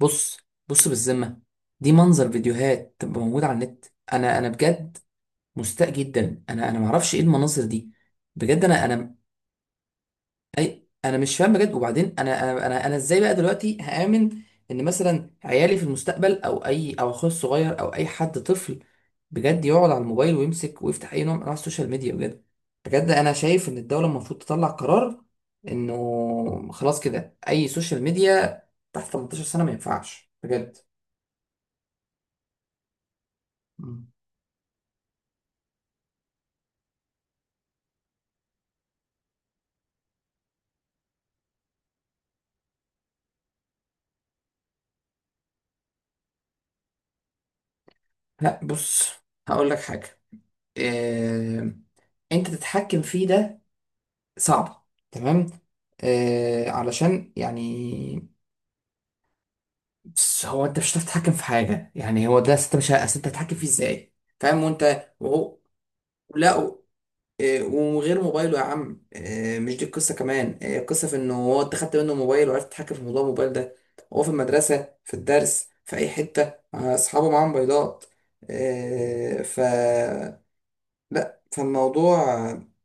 بص، بص بالذمة، دي منظر فيديوهات تبقى موجودة على النت. انا بجد مستاء جدا، انا معرفش ايه المناظر دي. بجد، انا مش فاهم بجد. وبعدين، أنا ازاي بقى دلوقتي هآمن ان مثلا عيالي في المستقبل، او اي، او اخويا الصغير، او اي حد طفل بجد يقعد على الموبايل ويمسك ويفتح اي نوع من انواع السوشيال ميديا، بجد. بجد، انا شايف ان الدولة المفروض تطلع قرار، انه خلاص كده اي سوشيال ميديا تحت 18 سنة ما ينفعش، بجد. لا، بص، هقول لك حاجة. إيه... انت تتحكم فيه ده صعب، تمام. علشان يعني، بس هو، انت مش هتعرف تتحكم في حاجة، يعني هو ده، انت مش أصل انت هتتحكم فيه ازاي؟ فاهم؟ وانت وهو؟ لا. وغير موبايله يا عم، مش دي القصة كمان، القصة في انه هو، انت خدت منه موبايل وعرفت تتحكم في موضوع الموبايل ده. هو في المدرسة، في الدرس، في اي حتة مع اصحابه، معاهم موبايلات. إيه... ف لا، فالموضوع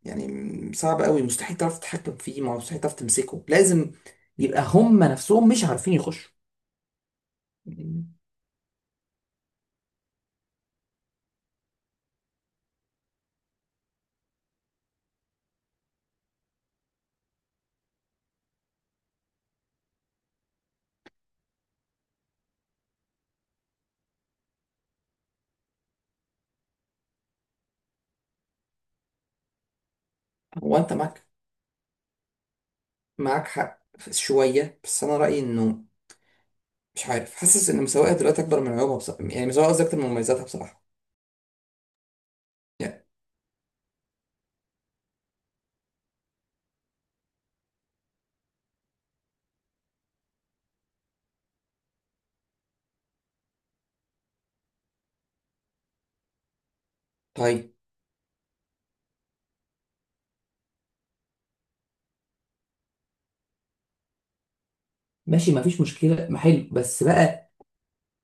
يعني صعب قوي، مستحيل تعرف تتحكم فيه، ما هو مستحيل تعرف تمسكه، لازم يبقى هم نفسهم مش عارفين يخشوا. يعني، هو انت معاك حق شوية، بس انا رأيي انه، مش عارف، حاسس ان مساواها دلوقتي اكبر من عيوبها بصراحة، يعني مساواها قصدي اكتر من مميزاتها بصراحة. يعني، طيب. ماشي، مفيش مشكله، ما حلو بس بقى.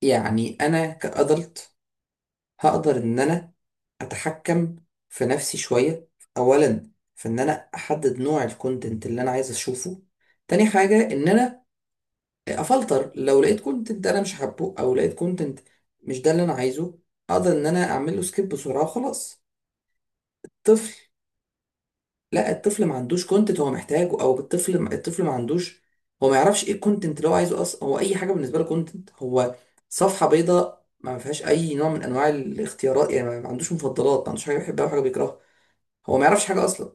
يعني انا كأدلت هقدر ان انا اتحكم في نفسي شويه، اولا في ان انا احدد نوع الكونتنت اللي انا عايز اشوفه، تاني حاجه ان انا افلتر. لو لقيت كونتنت انا مش حابه، او لقيت كونتنت مش ده اللي انا عايزه، اقدر ان انا اعمل له سكيب بسرعه، وخلاص. طفل. لا، الطفل ما عندوش كونتنت هو محتاجه، او الطفل ما عندوش، هو ما يعرفش ايه الكونتنت اللي هو عايزه اصلا. هو اي حاجه بالنسبه له كونتنت. هو صفحه بيضاء ما فيهاش اي نوع من انواع الاختيارات، يعني ما عندوش مفضلات، ما عندوش حاجه بيحبها وحاجه بيكرهها. هو ما يعرفش حاجة أصلا.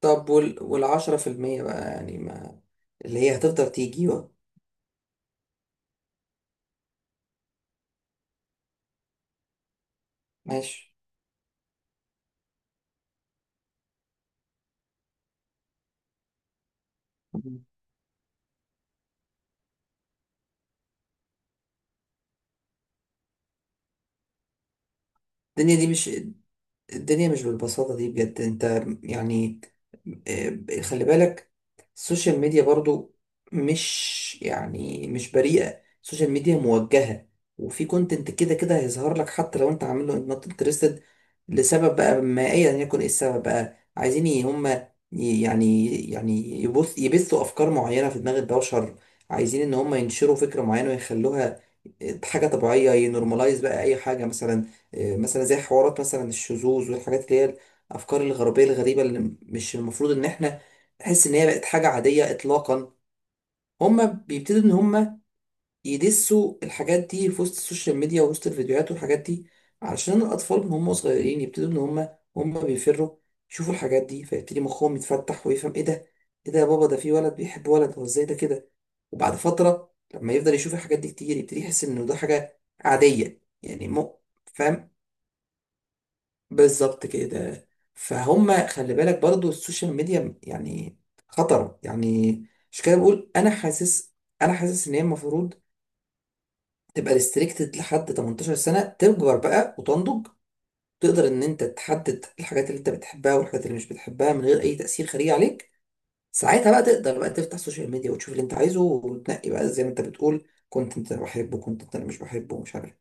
طب، والعشرة في المية بقى، يعني ما اللي هي هتفضل تيجي ماشي. الدنيا دي مش الدنيا مش بالبساطة دي، بجد. انت يعني، خلي بالك، السوشيال ميديا برضو مش، يعني مش بريئة، السوشيال ميديا موجهة، وفي كونتنت كده كده هيظهر لك حتى لو انت عامله نوت انترستد، لسبب بقى ما ايا يكن ايه السبب، بقى عايزين ي- هم ي- يعني يعني يبث يبثوا افكار معينة في دماغ البشر، عايزين ان هم ينشروا فكرة معينة ويخلوها حاجة طبيعية، ينورماليز بقى اي حاجة، مثلا مثلا زي حوارات، مثلا الشذوذ والحاجات اللي هي الافكار الغربيه الغريبه، اللي مش المفروض ان احنا نحس ان هي بقت حاجه عاديه اطلاقا. هما بيبتدوا ان هما يدسوا الحاجات دي في وسط السوشيال ميديا ووسط الفيديوهات والحاجات دي، علشان الاطفال من هم صغيرين يبتدوا ان هما بيفروا يشوفوا الحاجات دي، فيبتدي مخهم يتفتح ويفهم ايه ده، ايه ده يا بابا، ده في ولد بيحب ولد، هو ازاي ده كده؟ وبعد فتره، لما يفضل يشوف الحاجات دي كتير، يبتدي يحس انه ده حاجه عاديه، يعني مو. فاهم، بالظبط كده. فهم، خلي بالك برضو السوشيال ميديا يعني خطر يعني. مش كده بقول، انا حاسس ان هي المفروض تبقى ريستريكتد لحد 18 سنة، تكبر بقى وتنضج، تقدر ان انت تحدد الحاجات اللي انت بتحبها والحاجات اللي مش بتحبها، من غير اي تأثير خارجي عليك. ساعتها بقى، تقدر بقى تفتح السوشيال ميديا وتشوف اللي انت عايزه، وتنقي بقى زي ما انت بتقول: كنت انت بحبه، كنت انت مش بحبه، ومش عارف.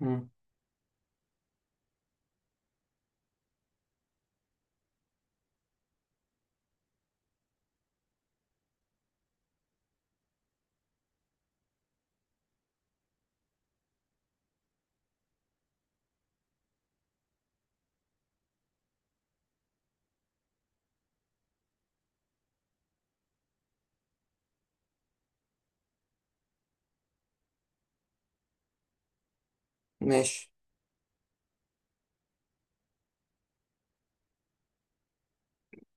مم. ماشي.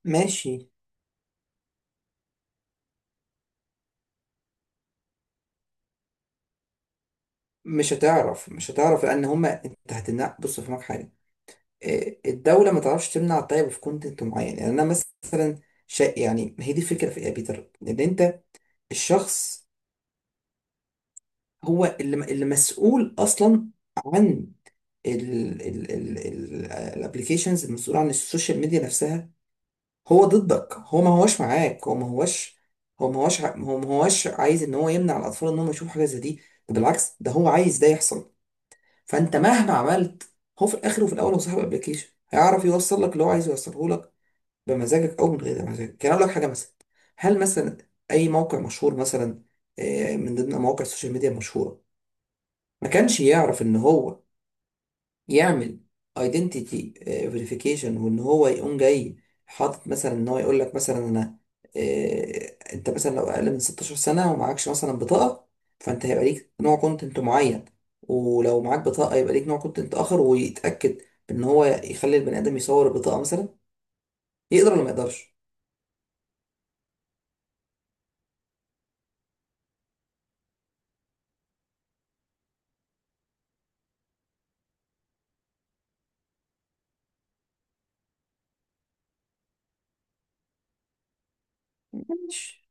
ماشي، مش هتعرف، مش هتعرف، لان هما انت هتمنع. بص، فهمك حاجه، إيه، الدوله ما تعرفش تمنع، الطيب في كونتنت معين، يعني انا مثلا يعني ما هي دي الفكره في ايه يا بيتر، ان انت الشخص، هو اللي مسؤول اصلا عن الابلكيشنز، المسؤول عن السوشيال ميديا نفسها. هو ضدك، هو ما هوش معاك، هو ما هوش عايز ان هو يمنع الاطفال ان هم يشوفوا حاجه زي دي. ده بالعكس، ده هو عايز ده يحصل. فانت مهما عملت، هو في الاخر وفي الاول هو صاحب ابلكيشن، هيعرف يوصل لك اللي هو عايز يوصله لك بمزاجك او من غير مزاجك. يعني اقول لك حاجه، مثلا، هل مثلا اي موقع مشهور، مثلا من ضمن مواقع السوشيال ميديا المشهوره، ما كانش يعرف ان هو يعمل ايدنتيتي فيريفيكيشن، وان هو يقوم جاي حاطط مثلا ان هو يقول لك مثلا: انا، انت مثلا لو اقل من 16 سنه ومعكش مثلا بطاقه، فانت هيبقى ليك نوع كونتنت معين، ولو معاك بطاقه يبقى ليك نوع كونتنت اخر، ويتاكد ان هو يخلي البني ادم يصور البطاقه مثلا. يقدر ولا ما يقدرش؟ ماشي.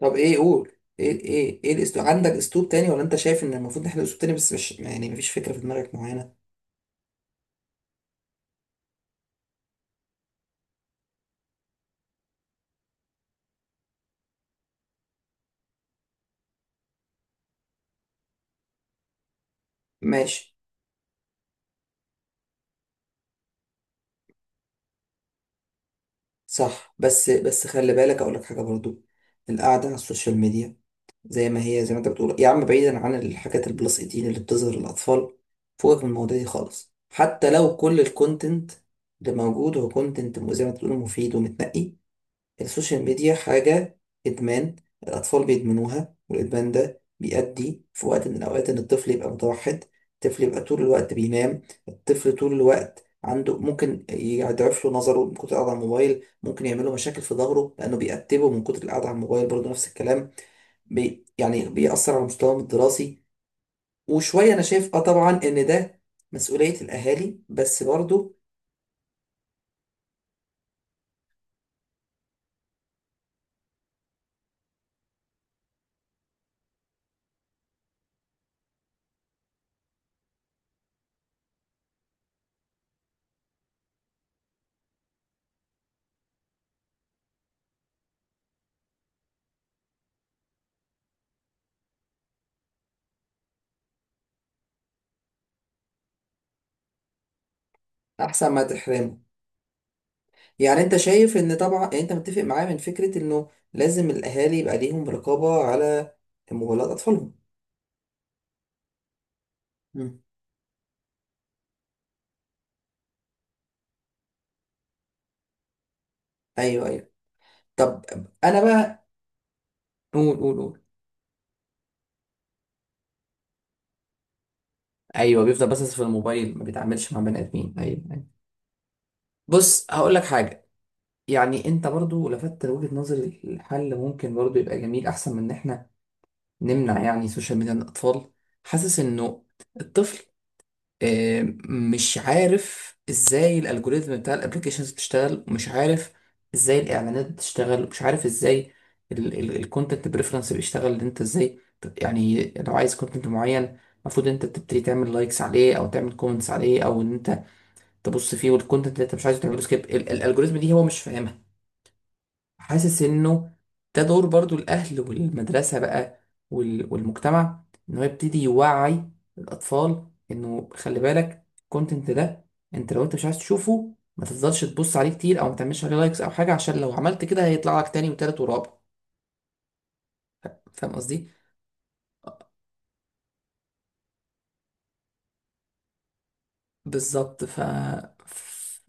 طب، ايه قول، ايه الاسلوب، عندك اسلوب تاني ولا انت شايف ان المفروض نحل اسلوب تاني بس مش يعني مفيش فكره في دماغك معينه؟ ماشي، صح، بس بس خلي بالك، اقول لك حاجه برضو. القعده على السوشيال ميديا زي ما هي، زي ما انت بتقول يا عم، بعيدا عن الحاجات البلس 18 اللي بتظهر للاطفال فوقك، من المواضيع دي خالص، حتى لو كل الكونتنت اللي موجود هو كونتنت زي ما انت بتقول مفيد ومتنقي، السوشيال ميديا حاجة إدمان، الأطفال بيدمنوها، والإدمان ده بيؤدي في وقت من الأوقات إن الطفل يبقى متوحد، الطفل يبقى طول الوقت بينام، الطفل طول الوقت عنده، ممكن يضعف له نظره من كتر القعدة على الموبايل، ممكن يعمل له مشاكل في ظهره لأنه بيأتبه من كتر القعدة على الموبايل برضه، نفس الكلام، يعني بيأثر على مستواهم الدراسي. وشوية، أنا شايف، أه طبعا، إن ده مسؤولية الأهالي بس برضه. أحسن ما تحرمه. يعني انت شايف ان طبعا، يعني انت متفق معايا من فكرة انه لازم الاهالي يبقى ليهم رقابة على موبايلات اطفالهم. مم. ايوه، ايوه. طب، انا بقى. قول، قول، قول. ايوه، بيفضل بس في الموبايل، ما بيتعاملش مع بني ادمين. ايوه، ايوه. بص، هقول لك حاجه، يعني انت برضو لفتت وجهه نظري، الحل ممكن برضو يبقى جميل احسن من ان احنا نمنع يعني السوشيال ميديا من الاطفال. حاسس انه الطفل، آه، مش عارف ازاي الالجوريزم بتاع الابلكيشنز بتشتغل، ومش عارف ازاي الاعلانات بتشتغل، ومش عارف ازاي الكونتنت بريفرنس بيشتغل، ان انت ازاي يعني، لو عايز كونتنت معين المفروض انت تبتدي تعمل لايكس عليه، او تعمل كومنتس عليه، او ان انت تبص فيه، والكونتنت اللي انت مش عايزه تعمله سكيب. الالجوريزم دي هو مش فاهمها. حاسس انه ده دور برضو الاهل والمدرسه بقى، والمجتمع، ان هو يبتدي يوعي الاطفال انه خلي بالك الكونتنت ده، انت لو انت مش عايز تشوفه ما تفضلش تبص عليه كتير، او ما تعملش عليه لايكس او حاجه، عشان لو عملت كده هيطلع لك تاني وتالت ورابع. فاهم قصدي؟ بالظبط،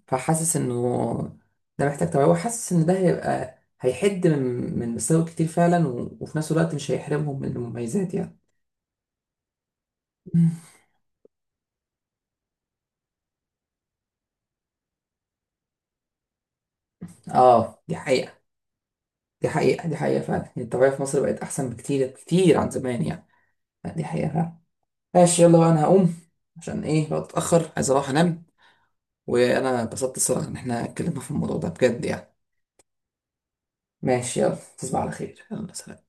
فحاسس انه ده محتاج توعيه، وحاسس ان ده هيحد من مساوئ كتير فعلا، وفي نفس الوقت مش هيحرمهم من المميزات يعني. مم. اه، دي حقيقة، دي حقيقة، دي حقيقة فعلا. يعني الطبيعة في مصر بقت أحسن بكتير كتير عن زمان، يعني. لا، دي حقيقة فعلا. ماشي، يلا بقى، أنا هقوم عشان إيه بقى أتأخر، عايز أروح أنام. وأنا اتبسطت الصراحة إن إحنا اتكلمنا في الموضوع ده بجد يعني. ماشي، يلا تصبح على خير، يلا، سلام.